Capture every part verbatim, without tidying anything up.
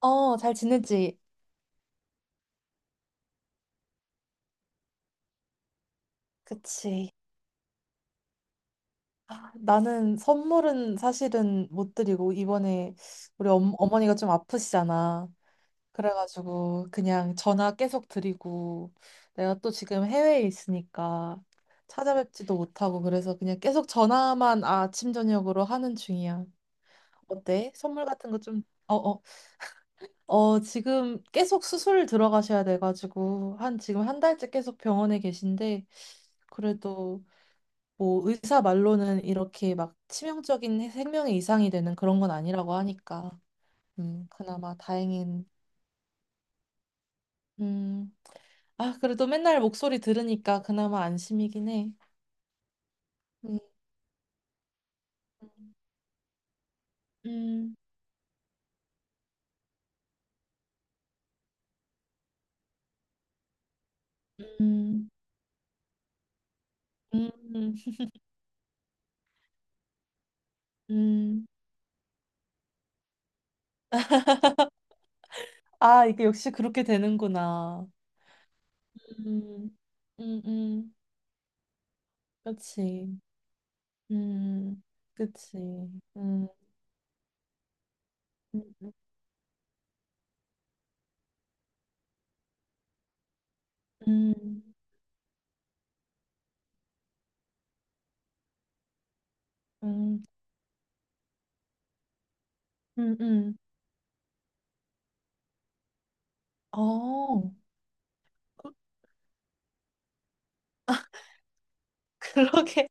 어, 잘 지내지? 그치. 아, 나는 선물은 사실은 못 드리고, 이번에 우리 엄, 어머니가 좀 아프시잖아. 그래가지고, 그냥 전화 계속 드리고, 내가 또 지금 해외에 있으니까 찾아뵙지도 못하고, 그래서 그냥 계속 전화만 아침, 저녁으로 하는 중이야. 어때? 선물 같은 거 좀, 어, 어, 어, 지금 계속 수술 들어가셔야 돼가지고, 한, 지금 한 달째 계속 병원에 계신데, 그래도 뭐 의사 말로는 이렇게 막 치명적인 생명의 이상이 되는 그런 건 아니라고 하니까 음 그나마 다행인. 음 아 그래도 맨날 목소리 들으니까 그나마 안심이긴 해. 음, 음, 음, 음, 음. 음. 아, 이게 역시 그렇게 되는구나. 음, 음, 음. 그치. 음, 그치. 음, 음, 음, 음, 음. 음. 어, 그- 그러게.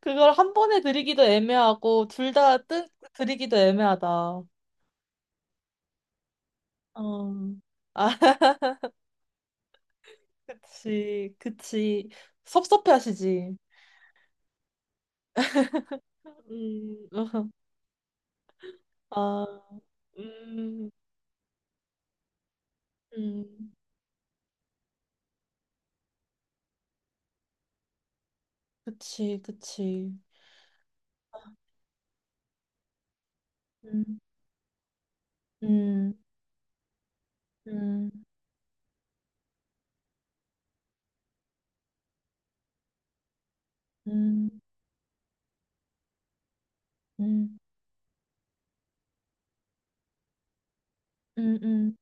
그걸 한 번에 드리기도 애매하고, 둘 다 뜬, 드리기도 애매하다. 어, 아, 그치, 그치. 섭섭해 하시지. 음, 아, 음, 음, 그치, 그치. 음, 음, 음, 음, 음, 음, 음.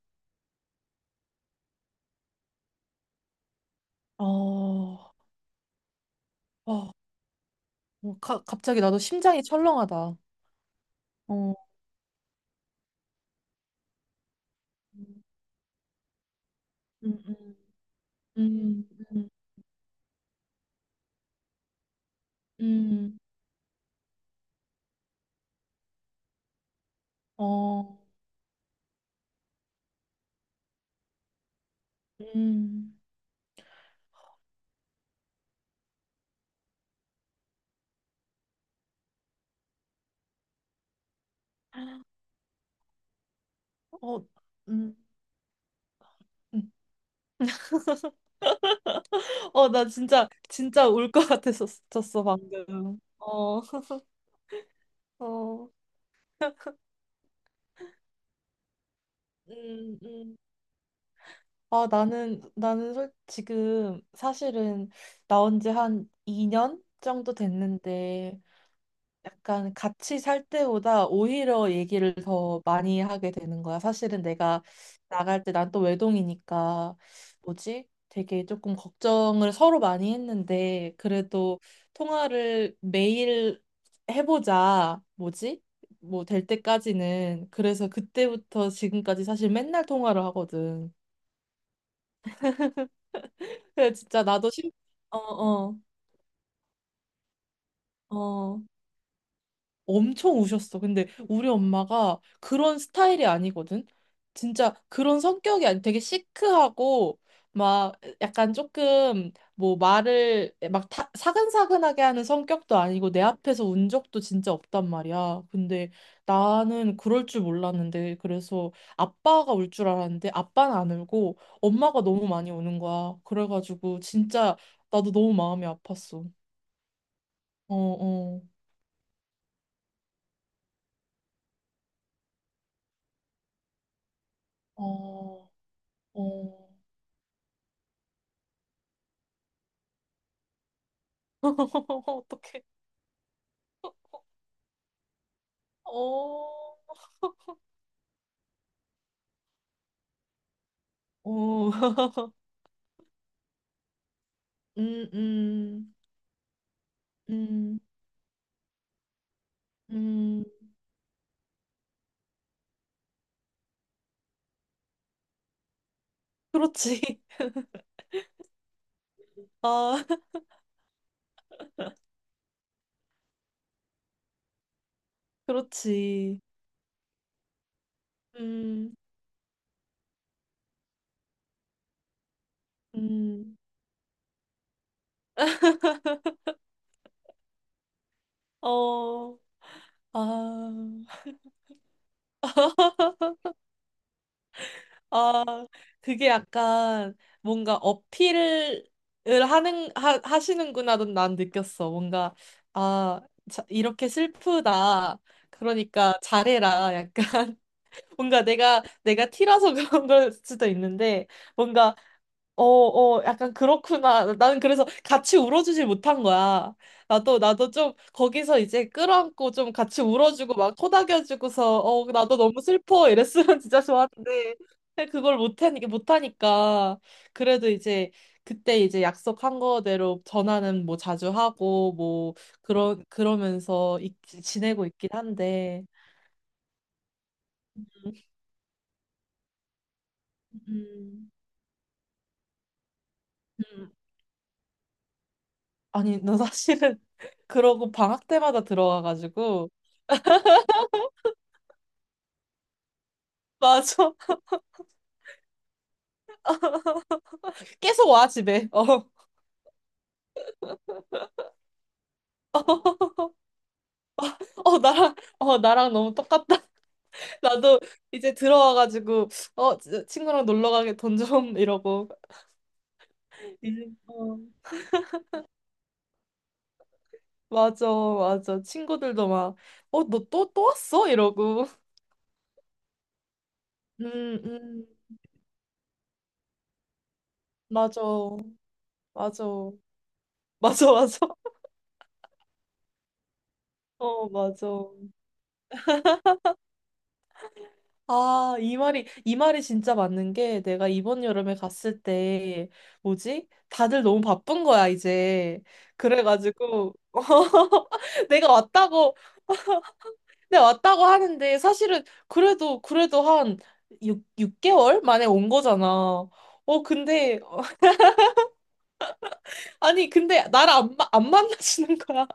어, 어, 어, 가, 갑자기 나도 심장이 철렁하다. 어, 음, 음, 음, 음, 음, 어, 음. 어, 음, 음. 어, 나 진짜, 진짜 울 것 같았었어, 방금. 어, 어, 음, 음. 아, 나는, 나는 솔, 지금 사실은 나온 지 한 이 년 정도 됐는데, 약간 같이 살 때보다 오히려 얘기를 더 많이 하게 되는 거야. 사실은 내가 나갈 때 난 또 외동이니까 뭐지? 되게 조금 걱정을 서로 많이 했는데 그래도 통화를 매일 해보자. 뭐지? 뭐 될 때까지는. 그래서 그때부터 지금까지 사실 맨날 통화를 하거든. 그래 진짜 나도 심... 어, 어, 어. 엄청 우셨어. 근데 우리 엄마가 그런 스타일이 아니거든. 진짜 그런 성격이 아니 되게 시크하고 막 약간 조금 뭐 말을 막 타- 사근사근하게 하는 성격도 아니고 내 앞에서 운 적도 진짜 없단 말이야. 근데 나는 그럴 줄 몰랐는데 그래서 아빠가 울 줄 알았는데 아빠는 안 울고 엄마가 너무 많이 우는 거야. 그래가지고 진짜 나도 너무 마음이 아팠어. 어, 어, 어, 어. 어떡해. 어, 어, 음, 음, 음, 음, 그렇지. 아, 그렇지. 음, 음, 어, 아, 아, 그게 약간 뭔가 어필을 하는, 하, 하시는구나, 난 느꼈어. 뭔가, 아, 자, 이렇게 슬프다. 그러니까 잘해라. 약간, 뭔가 내가, 내가 티라서 그런 걸 수도 있는데, 뭔가 어, 어, 약간 그렇구나. 나는 그래서 같이 울어주질 못한 거야. 나도, 나도 좀 거기서 이제 끌어안고 좀 같이 울어주고 막 토닥여주고서, 어, 나도 너무 슬퍼. 이랬으면 진짜 좋았는데. 근데 그걸 못하니까, 못하니까. 그래도 이제 그때 이제 약속한 거대로 전화는 뭐 자주 하고, 뭐, 그러, 그러면서 있, 지내고 있긴 한데. 음, 음. 아니, 너 사실은 그러고 방학 때마다 들어와가지고. 맞아. 계속 와, 집에. 어. 어, 어, 나랑, 어, 나랑 너무 똑같다. 나도 이제 들어와가지고, 어, 지- 친구랑 놀러 가게 돈 좀, 이러고. 이제, 어, 맞아, 맞아. 친구들도 막, 어, 너 또, 또 왔어? 이러고. 음, 음, 맞아, 맞아. 맞아, 맞아. 어, 맞아. 아, 이 말이, 이 말이 진짜 맞는 게 내가 이번 여름에 갔을 때, 뭐지? 다들 너무 바쁜 거야, 이제. 그래가지고, 내가 왔다고, 내가 왔다고 하는데 사실은 그래도, 그래도 한 육, 육개월 만에 온 거잖아. 어, 근데, 아니, 근데 나를 안, 마- 안 만나시는 거야.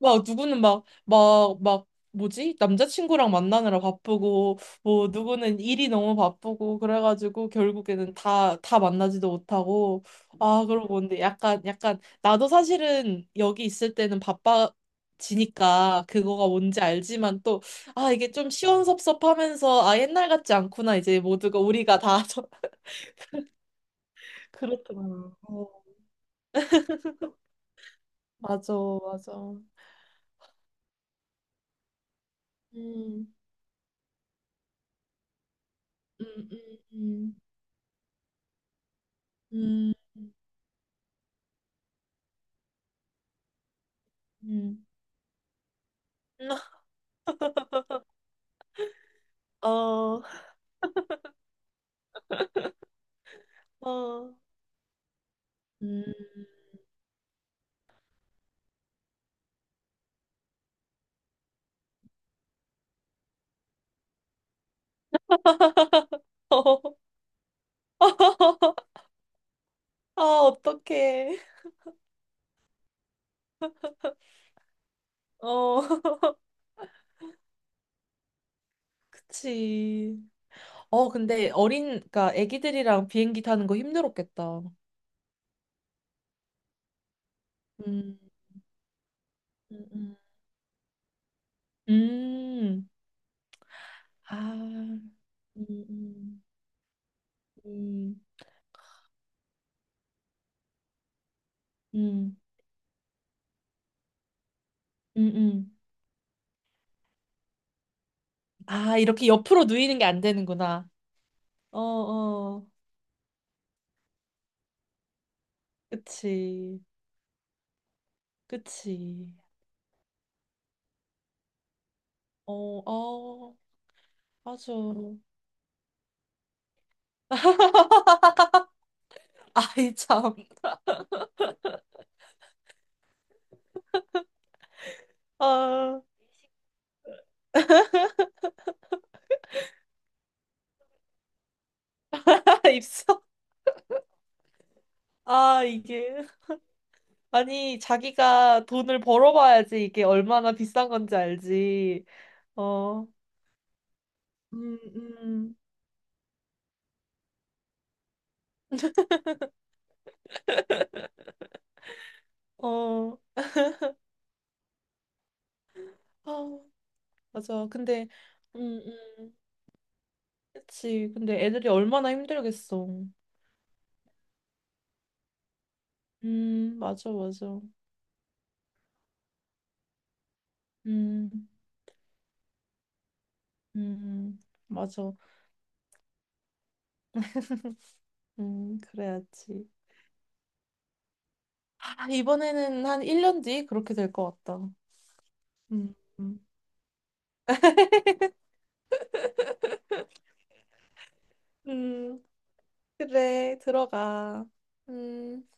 막 누구는 막 막 막 뭐지? 남자친구랑 만나느라 바쁘고 뭐 누구는 일이 너무 바쁘고 그래가지고 결국에는 다 다 만나지도 못하고 아 그러고 근데 약간 약간 나도 사실은 여기 있을 때는 바빠지니까 그거가 뭔지 알지만 또 아 이게 좀 시원섭섭하면서 아 옛날 같지 않구나 이제 모두가 우리가 다 그렇더라고. 어, 맞아. 맞아. 음. 음, 음, 음, 음, 음. 어, 어, 음, 어, 아, 어떡해. 어, 그치. 어, 근데 어린, 그니까 애기들이랑 비행기 타는 거 힘들었겠다. 음, 음, 음, 음. 아, 음, 음, 음, 음, 음, 음. 아, 이렇게 옆으로 누이는 게 안 되는구나. 어, 어, 그치, 그치. 어, 어, 맞아. 아이, 참. 아. 입사? 아, 이게. 아니, 자기가 돈을 벌어봐야지 이게 얼마나 비싼 건지 알지. 어, 음, 음, 어, 아, 맞아. 근데, 음, 음, 그치. 근데 애들이 얼마나 힘들겠어. 음, 맞아, 맞아. 음, 음, 음. 맞아. 음, 그래야지. 아, 이번에는 한 일 년 뒤 그렇게 될 것 같다. 음, 음, 음, 그래, 들어가. 음.